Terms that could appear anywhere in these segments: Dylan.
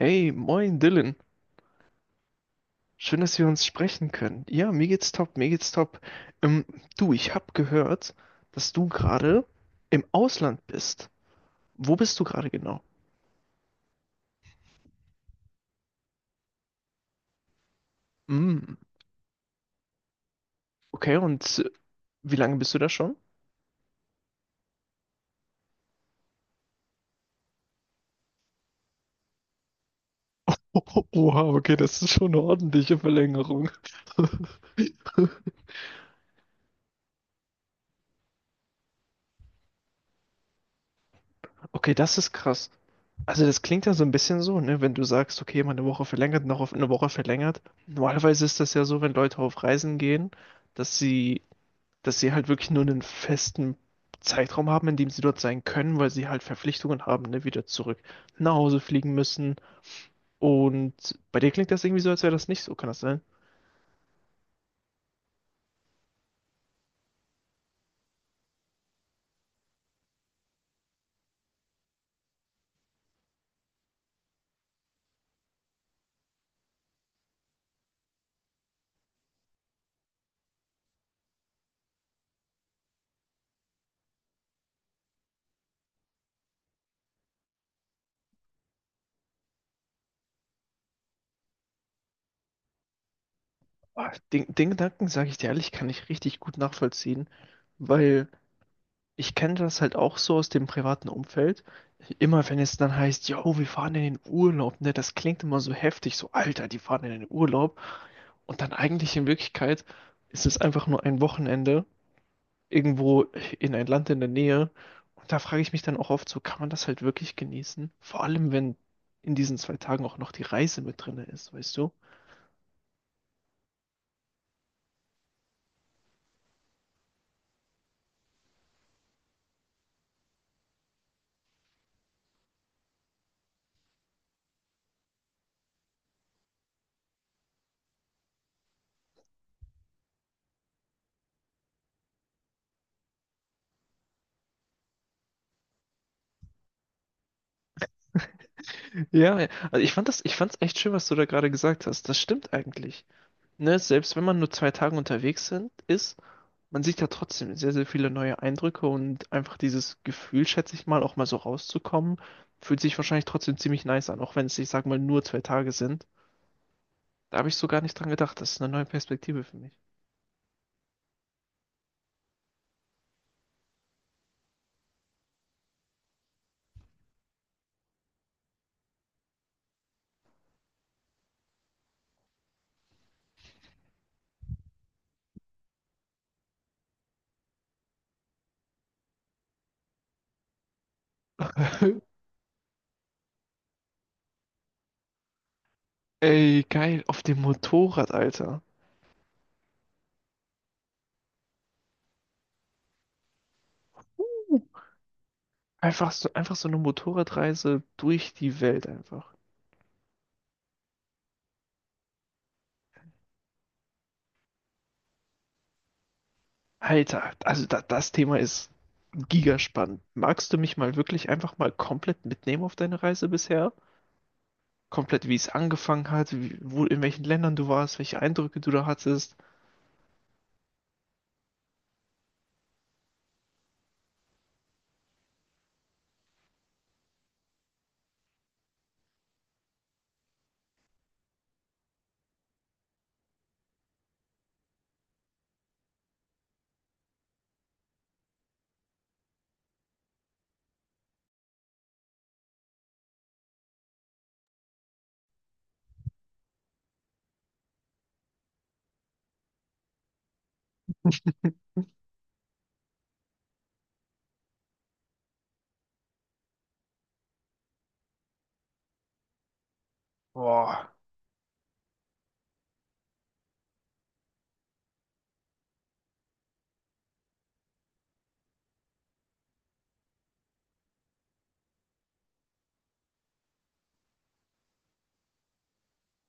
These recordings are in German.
Hey, moin Dylan. Schön, dass wir uns sprechen können. Ja, mir geht's top, mir geht's top. Ähm, du, ich hab gehört, dass du gerade im Ausland bist. Wo bist du gerade genau? Mm, okay, und wie lange bist du da schon? Oh, Oha, okay, das ist schon eine ordentliche Verlängerung. Okay, das ist krass. Also das klingt ja so ein bisschen so, ne, wenn du sagst, okay, mal eine Woche verlängert, noch auf eine Woche verlängert. Normalerweise ist das ja so, wenn Leute auf Reisen gehen, dass sie dass sie halt wirklich nur einen festen Zeitraum haben, in dem sie dort sein können, weil sie halt Verpflichtungen haben, ne, wieder zurück nach Hause fliegen müssen. Und bei dir klingt das irgendwie so, als wäre das nicht so, kann das sein? Ah, Den Gedanken, sage ich dir ehrlich, kann ich richtig gut nachvollziehen, weil ich kenne das halt auch so aus dem privaten Umfeld. Immer wenn es dann heißt, yo, wir fahren in den Urlaub, ne, das klingt immer so heftig, so Alter, die fahren in den Urlaub. Und dann eigentlich in Wirklichkeit ist es einfach nur ein Wochenende irgendwo in ein Land in der Nähe. Und da frage ich mich dann auch oft so, kann man das halt wirklich genießen? Vor allem, wenn in diesen 2 Tagen auch noch die Reise mit drin ist, weißt du? Ja, ja. Also ich fand's echt schön, was du da gerade gesagt hast. Das stimmt eigentlich. Ne, selbst wenn man nur 2 Tage unterwegs sind, man sieht ja trotzdem sehr, sehr viele neue Eindrücke und einfach dieses Gefühl, schätze ich mal, auch mal so rauszukommen, fühlt sich wahrscheinlich trotzdem ziemlich nice an, auch wenn es, ich sag mal, nur 2 Tage sind. Da habe ich so gar nicht dran gedacht. Das ist eine neue Perspektive für mich. Ey, geil, auf dem Motorrad, Alter. Einfach so eine Motorradreise durch die Welt einfach. Alter, also da, das Thema ist gigaspannend. Magst du mich mal wirklich einfach mal komplett mitnehmen auf deine Reise bisher? Komplett, wie es angefangen hat, wie, wo, in welchen Ländern du warst, welche Eindrücke du da hattest. Boah,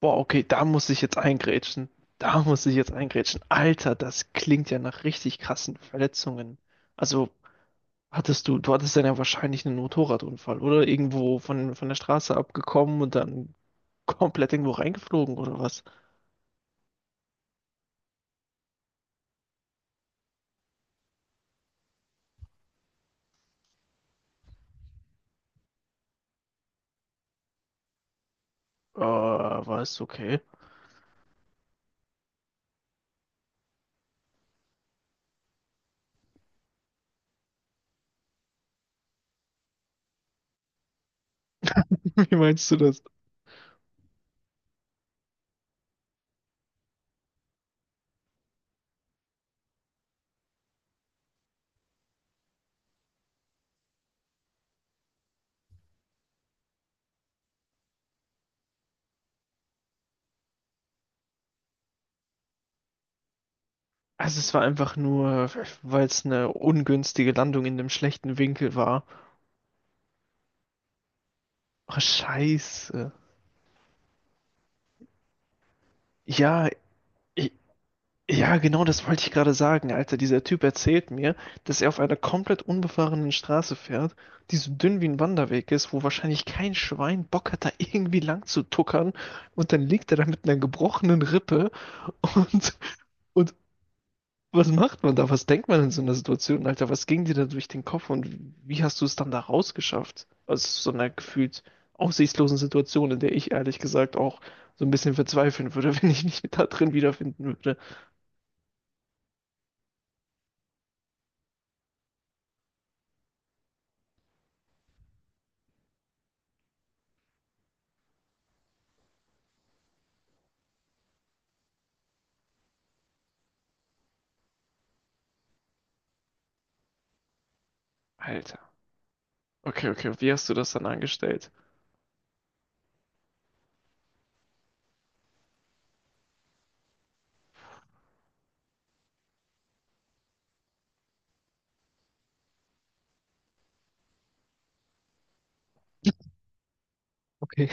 boah, okay, da muss ich jetzt eingrätschen. Da muss ich jetzt eingrätschen. Alter, das klingt ja nach richtig krassen Verletzungen. Also hattest du hattest dann ja wahrscheinlich einen Motorradunfall oder irgendwo von der Straße abgekommen und dann komplett irgendwo reingeflogen oder was? War es okay. Wie meinst du das? Also es war einfach nur, weil es eine ungünstige Landung in einem schlechten Winkel war. Oh, scheiße. Ja, ich, ja, genau das wollte ich gerade sagen, Alter. Dieser Typ erzählt mir, dass er auf einer komplett unbefahrenen Straße fährt, die so dünn wie ein Wanderweg ist, wo wahrscheinlich kein Schwein Bock hat, da irgendwie lang zu tuckern. Und dann liegt er da mit einer gebrochenen Rippe. Und, und was macht man da? Was denkt man in so einer Situation, Alter? Was ging dir da durch den Kopf und wie hast du es dann da rausgeschafft? Also, aus so einer gefühlt aussichtslosen Situation, in der ich ehrlich gesagt auch so ein bisschen verzweifeln würde, wenn ich mich da drin wiederfinden würde. Alter. Okay, okay. Wie hast du das dann angestellt? Okay.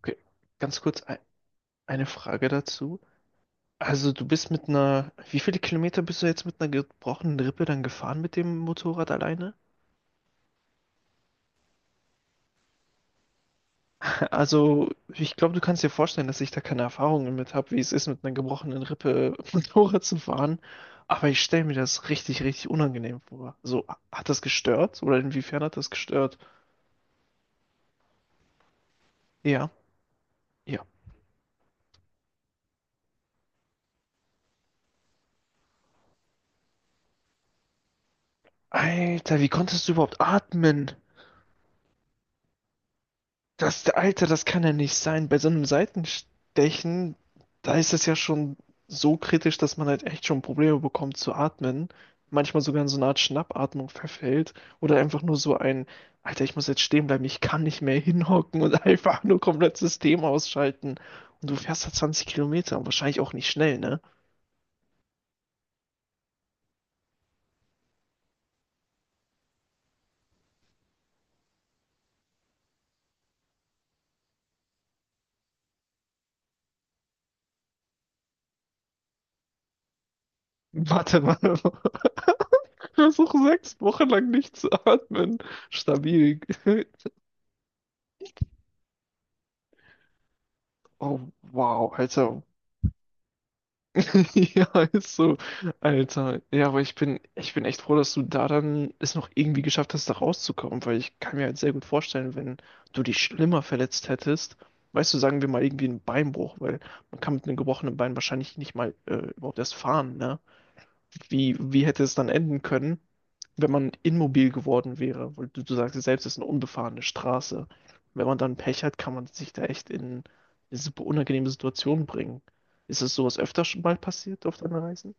Okay, ganz kurz eine Frage dazu. Also du bist wie viele Kilometer bist du jetzt mit einer gebrochenen Rippe dann gefahren mit dem Motorrad alleine? Also ich glaube, du kannst dir vorstellen, dass ich da keine Erfahrungen mit habe, wie es ist, mit einer gebrochenen Rippe Motorrad zu fahren. Aber ich stelle mir das richtig, richtig unangenehm vor. So, hat das gestört? Oder inwiefern hat das gestört? Ja, ja. Alter, wie konntest du überhaupt atmen? Das, Alter, das kann ja nicht sein. Bei so einem Seitenstechen, da ist es ja schon so kritisch, dass man halt echt schon Probleme bekommt zu atmen. Manchmal sogar in so eine Art Schnappatmung verfällt. Oder einfach nur so ein, Alter, ich muss jetzt stehen bleiben, ich kann nicht mehr hinhocken und einfach nur komplett System ausschalten. Und du fährst da 20 Kilometer und wahrscheinlich auch nicht schnell, ne? Warte mal, versuch 6 Wochen lang nicht zu atmen. Stabil. Oh, wow, Alter. Ja, ist so. Alter. Ja, aber ich bin echt froh, dass du da dann es noch irgendwie geschafft hast, da rauszukommen, weil ich kann mir halt sehr gut vorstellen, wenn du dich schlimmer verletzt hättest, weißt du, sagen wir mal irgendwie einen Beinbruch, weil man kann mit einem gebrochenen Bein wahrscheinlich nicht mal überhaupt erst fahren, ne? Wie hätte es dann enden können, wenn man immobil geworden wäre? Weil du sagst ja selbst, es ist eine unbefahrene Straße. Wenn man dann Pech hat, kann man sich da echt in eine super unangenehme Situation bringen. Ist es sowas öfter schon mal passiert auf deinen Reisen?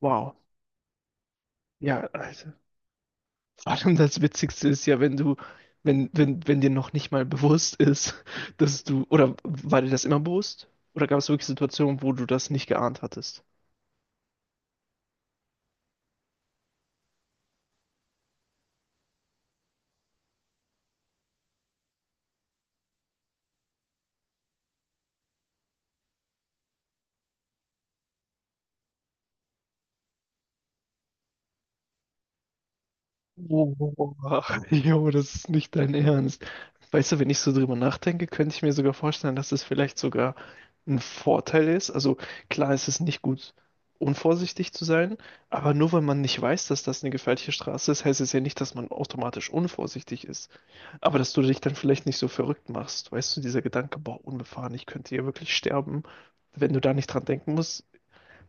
Wow. Ja, Alter. Vor allem das Witzigste ist ja, wenn du, wenn, wenn, wenn dir noch nicht mal bewusst ist, oder war dir das immer bewusst? Oder gab es wirklich Situationen, wo du das nicht geahnt hattest? Boah, jo, das ist nicht dein Ernst. Weißt du, wenn ich so drüber nachdenke, könnte ich mir sogar vorstellen, dass es vielleicht sogar ein Vorteil ist. Also klar, es ist nicht gut, unvorsichtig zu sein, aber nur weil man nicht weiß, dass das eine gefährliche Straße ist, heißt es ja nicht, dass man automatisch unvorsichtig ist. Aber dass du dich dann vielleicht nicht so verrückt machst. Weißt du, dieser Gedanke, boah, unbefahren, ich könnte hier wirklich sterben. Wenn du da nicht dran denken musst,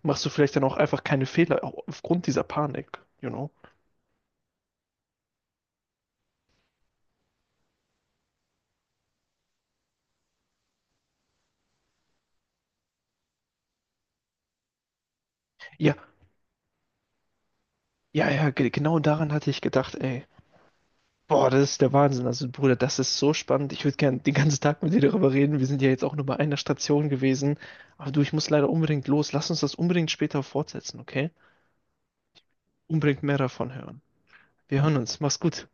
machst du vielleicht dann auch einfach keine Fehler aufgrund dieser Panik, you know? Ja. Ja, ja, genau daran hatte ich gedacht, ey. Boah, das ist der Wahnsinn. Also, Bruder, das ist so spannend. Ich würde gern den ganzen Tag mit dir darüber reden. Wir sind ja jetzt auch nur bei einer Station gewesen. Aber du, ich muss leider unbedingt los. Lass uns das unbedingt später fortsetzen, okay? Unbedingt mehr davon hören. Wir hören uns. Mach's gut.